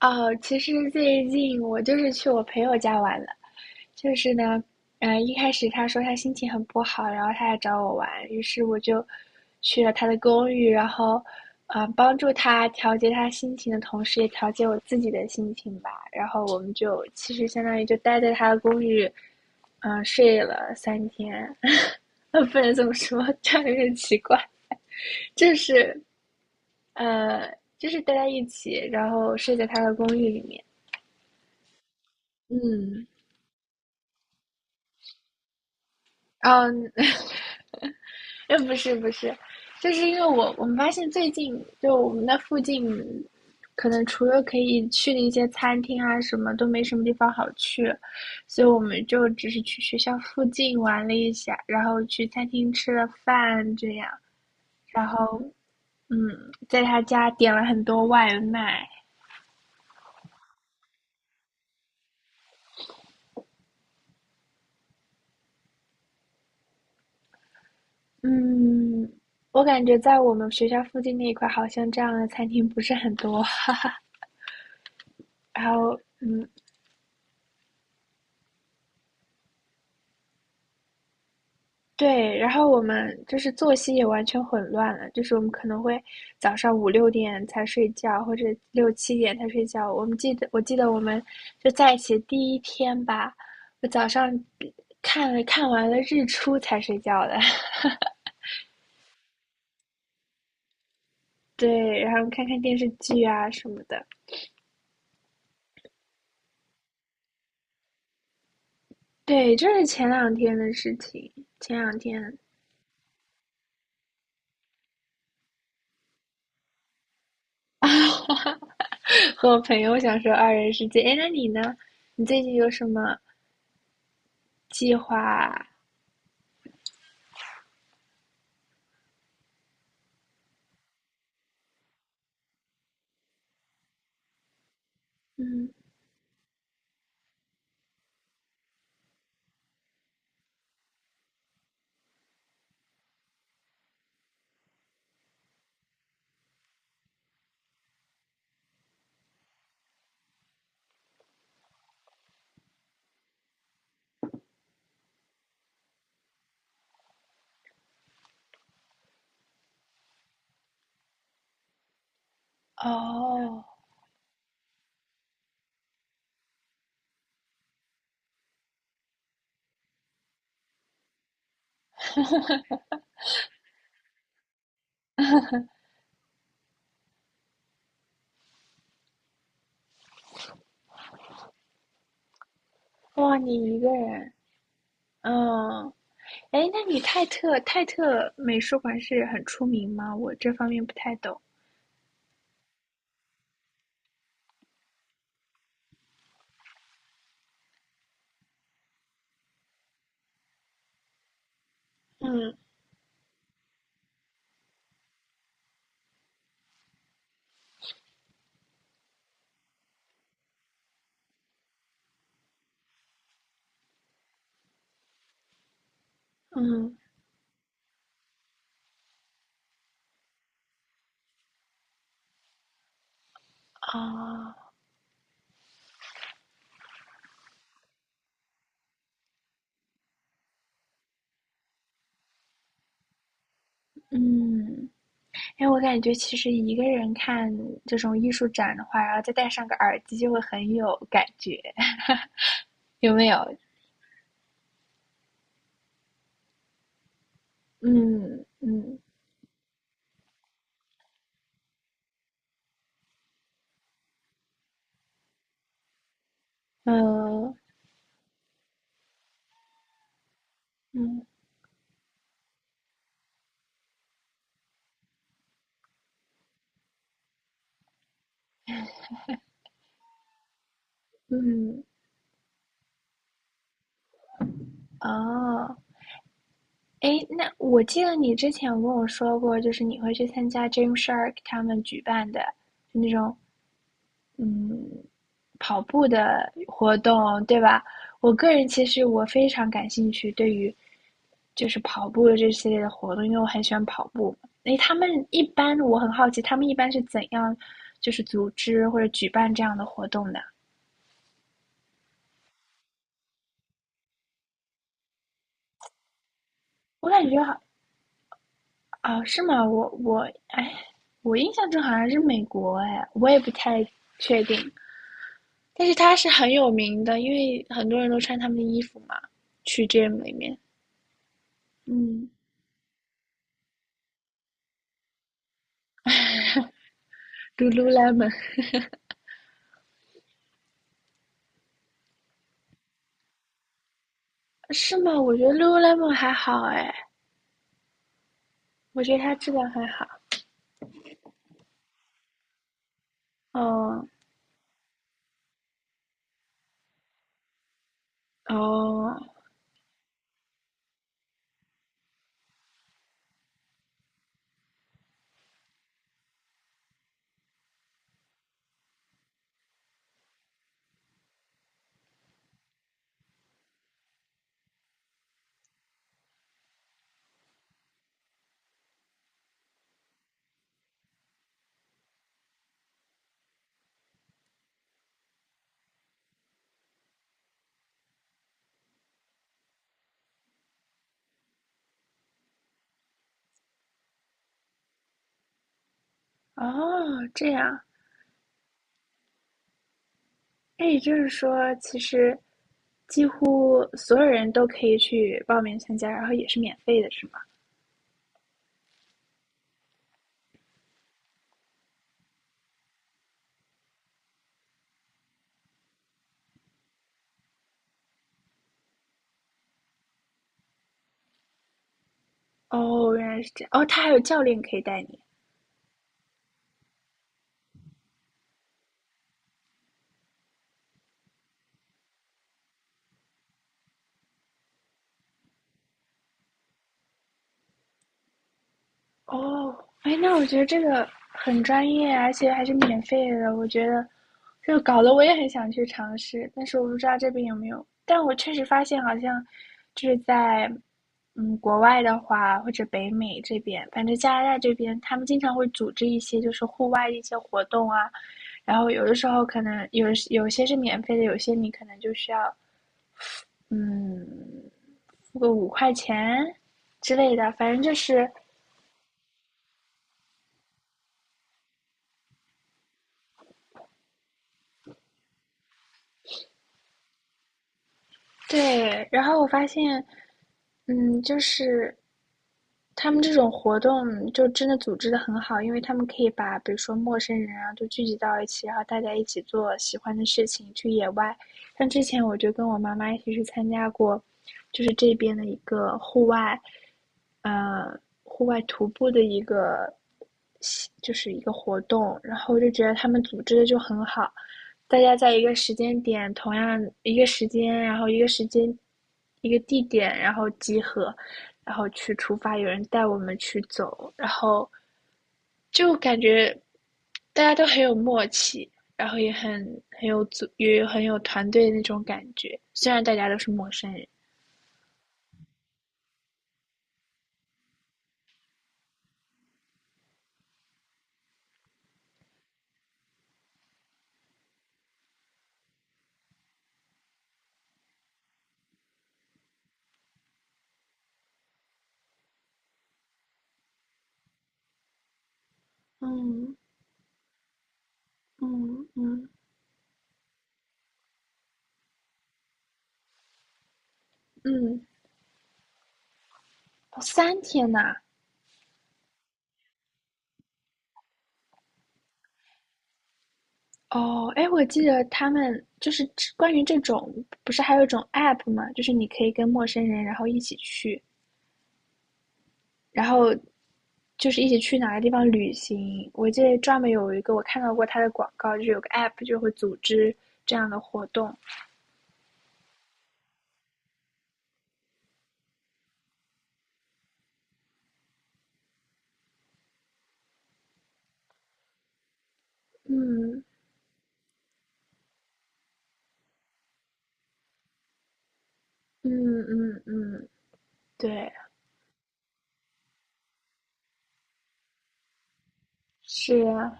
哦，其实最近我就是去我朋友家玩了，就是呢，一开始他说他心情很不好，然后他来找我玩，于是我就去了他的公寓，然后，帮助他调节他心情的同时，也调节我自己的心情吧。然后我们就其实相当于就待在他的公寓，睡了三天。不能这么说，这样有点奇怪，就是呃，就是待在一起，然后睡在他的公寓里面。嗯，哦嗯。不是不是，就是因为我们发现最近就我们那附近，可能除了可以去的一些餐厅啊什么，都没什么地方好去，所以我们就只是去学校附近玩了一下，然后去餐厅吃了饭这样，然后嗯，在他家点了很多外卖。嗯，我感觉在我们学校附近那一块，好像这样的餐厅不是很多。然后，对，然后我们就是作息也完全混乱了，就是我们可能会早上5、6点才睡觉，或者6、7点才睡觉。我记得我们就在一起第一天吧，我早上看完了日出才睡觉的。对，然后看看电视剧啊什么的。对，这是前两天的事情，前两天 啊和我朋友享受二人世界。哎，那你呢？你最近有什么计划啊？嗯。哦，哇，你一个人，嗯，哎，那你泰特美术馆是很出名吗？我这方面不太懂。嗯嗯啊嗯，哎，我感觉其实一个人看这种艺术展的话，然后再戴上个耳机，就会很有感觉。有没有？嗯嗯嗯嗯嗯，哦。诶，那我记得你之前有跟我说过，就是你会去参加 Gym Shark 他们举办的就那种跑步的活动，对吧？我个人其实我非常感兴趣，对于就是跑步的这系列的活动，因为我很喜欢跑步。诶，他们一般我很好奇，他们一般是怎样就是组织或者举办这样的活动的？我感觉好啊，是吗？我哎，我印象中好像是美国哎，我也不太确定。但是它是很有名的，因为很多人都穿他们的衣服嘛，去 gym 里面。嗯，Lululemon 是吗？我觉得 Lululemon 还好哎，我觉得它质量还好。哦哦，哦，这样，那也就是说，其实几乎所有人都可以去报名参加，然后也是免费的，是吗？哦，原来是这样。哦，它还有教练可以带你。哦，哎，那我觉得这个很专业，而且还是免费的。我觉得，就搞得我也很想去尝试，但是我不知道这边有没有。但我确实发现，好像就是在国外的话，或者北美这边，反正加拿大这边，他们经常会组织一些就是户外的一些活动啊。然后有的时候可能有些是免费的，有些你可能就需要嗯付个5块钱之类的，反正就是。对，然后我发现，嗯，就是他们这种活动就真的组织的很好，因为他们可以把比如说陌生人啊，都聚集到一起，然后大家一起做喜欢的事情，去野外。像之前我就跟我妈妈一起去参加过，就是这边的一个户外，呃，户外徒步的一个，就是一个活动，然后我就觉得他们组织的就很好，大家在一个时间点，同样一个时间，一个地点，然后集合。然后去出发，有人带我们去走，然后就感觉大家都很有默契，然后也很有组，也很有团队那种感觉。虽然大家都是陌生人，嗯嗯嗯，嗯，哦三天呐，哦，哎，我记得他们就是关于这种，不是还有一种 app 吗？就是你可以跟陌生人然后一起去，然后就是一起去哪个地方旅行。我记得专门有一个我看到过它的广告，就是有个 app 就会组织这样的活动。嗯嗯嗯嗯，对，是啊，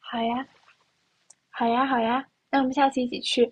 好呀，好呀，好呀，那我们下次一起去。